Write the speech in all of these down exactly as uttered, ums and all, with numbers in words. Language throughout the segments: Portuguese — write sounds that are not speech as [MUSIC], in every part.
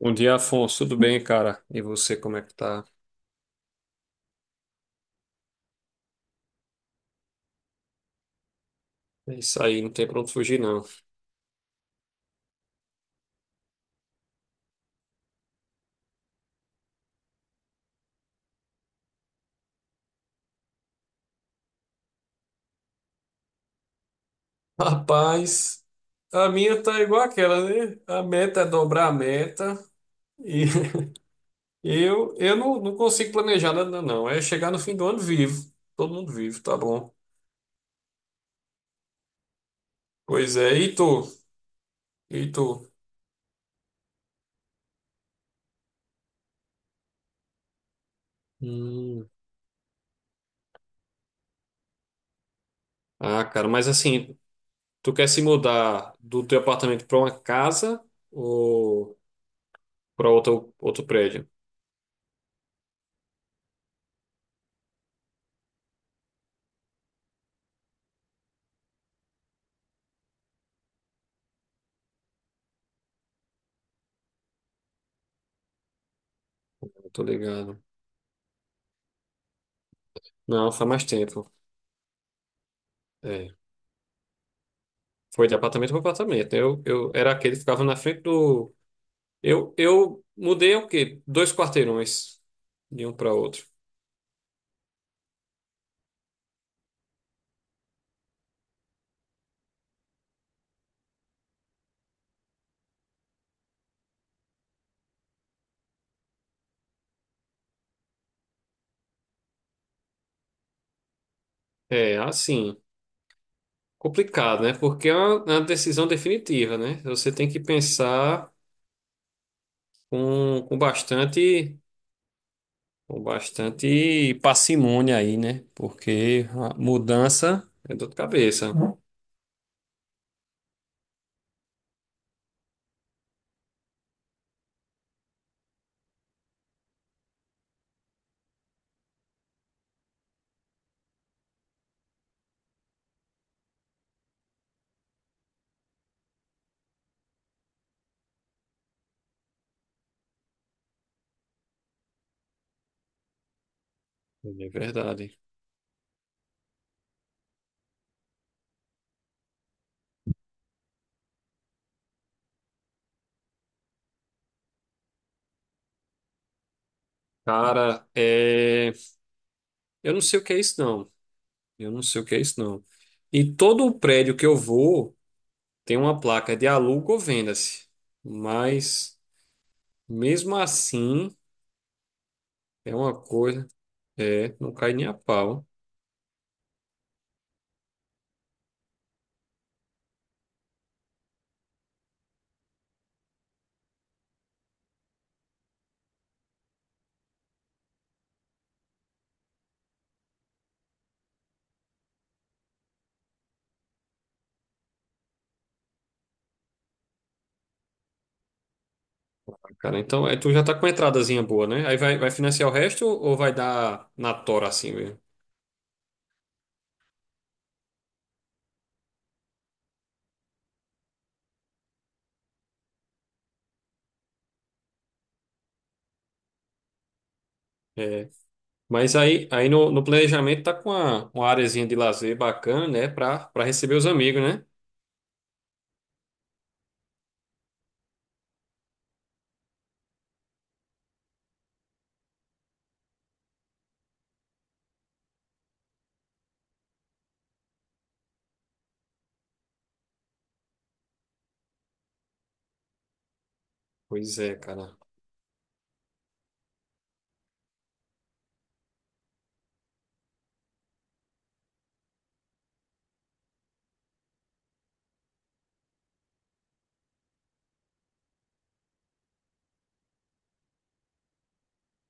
Bom dia, Afonso. Tudo bem, cara? E você, como é que tá? É isso aí, não tem pra onde fugir, não. Rapaz, a minha tá igual aquela, né? A meta é dobrar a meta e [LAUGHS] eu, eu não, não consigo planejar nada, não. É chegar no fim do ano vivo. Todo mundo vivo, tá bom. Pois é, e tu? E tu? Hum. Ah, cara, mas assim, tu quer se mudar do teu apartamento pra uma casa ou pra outro, outro prédio? Tô ligado. Não, faz mais tempo. É. Foi de apartamento para apartamento. Eu, eu era aquele que ficava na frente do. Eu, eu mudei o quê? Dois quarteirões de um para outro. É, assim, complicado, né? Porque é uma, é uma decisão definitiva, né? Você tem que pensar com, com bastante, com bastante parcimônia aí, né? Porque a mudança é dor de cabeça. É verdade. Cara, é... eu não sei o que é isso, não. Eu não sei o que é isso, não. E todo o prédio que eu vou. Tem uma placa de aluga ou venda-se, mas mesmo assim é uma coisa, é, não cai nem a pau, cara. Então, é, tu já tá com uma entradazinha boa, né? Aí vai, vai financiar o resto ou ou vai dar na tora assim mesmo? É. Mas aí, aí no, no planejamento tá com uma, uma areazinha de lazer bacana, né? Pra, pra receber os amigos, né? Pois é, cara.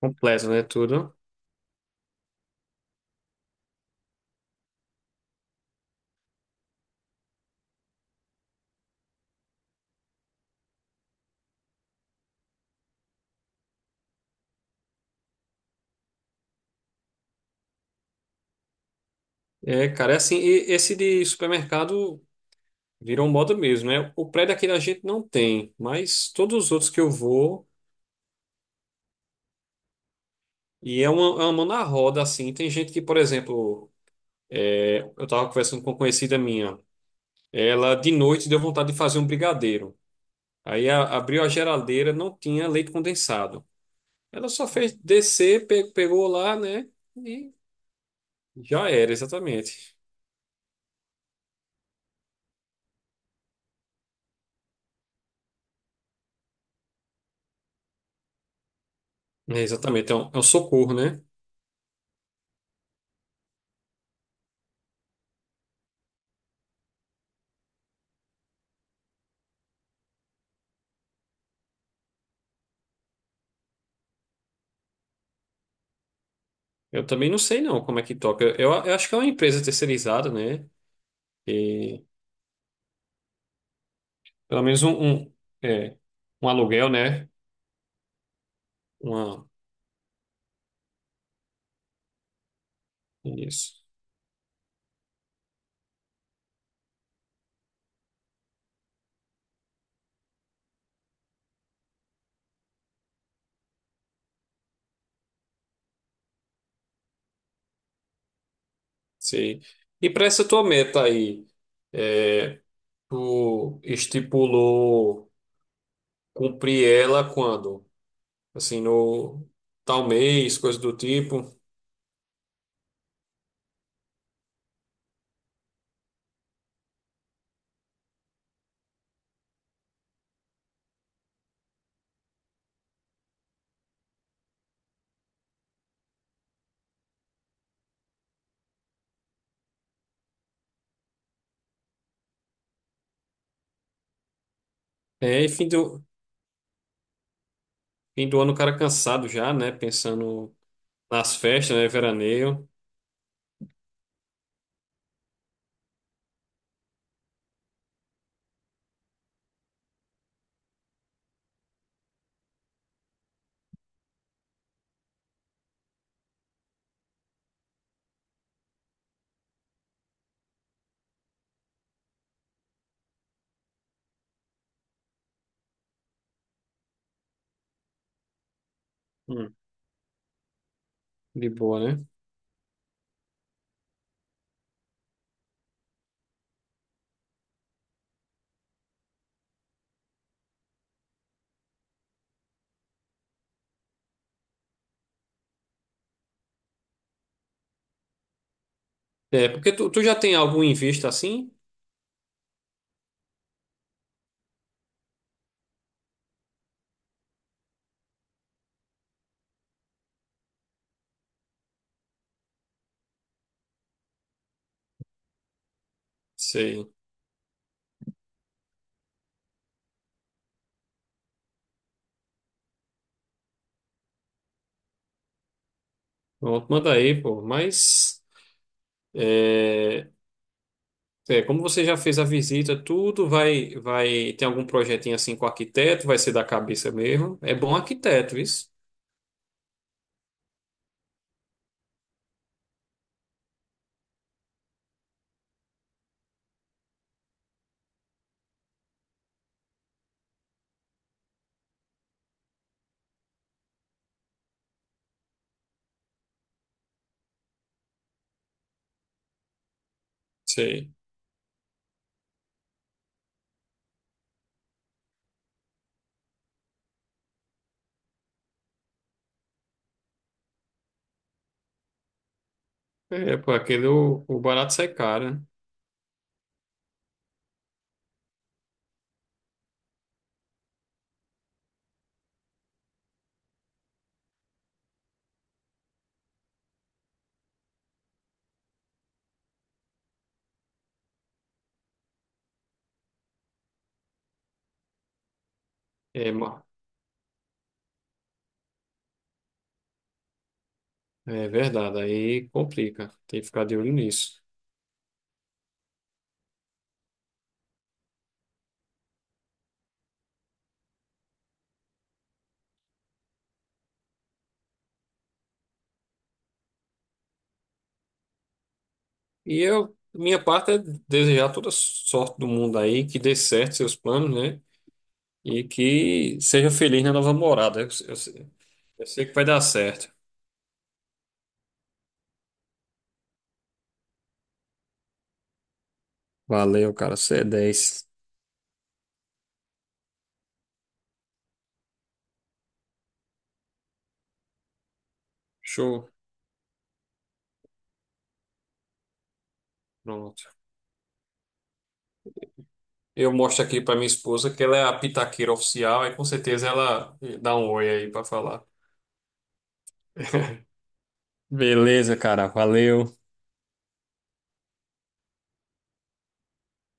Completo, né? Tudo. É, cara, é assim, e esse de supermercado. Virou moda mesmo, né? O prédio aqui da gente não tem, mas todos os outros que eu vou, e é uma, é uma mão na roda, assim. Tem gente que, por exemplo, é, eu tava conversando com uma conhecida minha, ela de noite deu vontade de fazer um brigadeiro. Aí a- abriu a geladeira, não tinha leite condensado. Ela só fez descer, pe- pegou lá, né? E já era, exatamente. É, exatamente, então é um socorro, né? Eu também não sei não como é que toca. Eu, eu acho que é uma empresa terceirizada, né? Pelo menos um, um, é, um aluguel, né? Uma, isso. Sei. E para essa tua meta aí, é, tu estipulou cumprir ela quando? Assim, no tal mês, coisa do tipo. É, e fim do, fim do ano o cara cansado já, né? Pensando nas festas, né? Veraneio. Hum, de boa, né? É, porque tu, tu já tem algum em vista assim? Sei. Pronto, manda aí, pô. Mas. É, como você já fez a visita, tudo vai, vai, tem algum projetinho assim com o arquiteto, vai ser da cabeça mesmo. É bom arquiteto, isso. Sei. É, pô, aquele o, o barato sai caro, né? É, ma- é verdade, aí complica. Tem que ficar de olho nisso. E eu, minha parte é desejar toda sorte do mundo aí, que dê certo seus planos, né? E que seja feliz na nova morada. Eu, eu eu sei que vai dar certo. Valeu, cara. Você é dez. Show. Pronto. Eu mostro aqui pra minha esposa que ela é a pitaqueira oficial, aí com certeza ela dá um oi aí pra falar. [LAUGHS] Beleza, cara, valeu.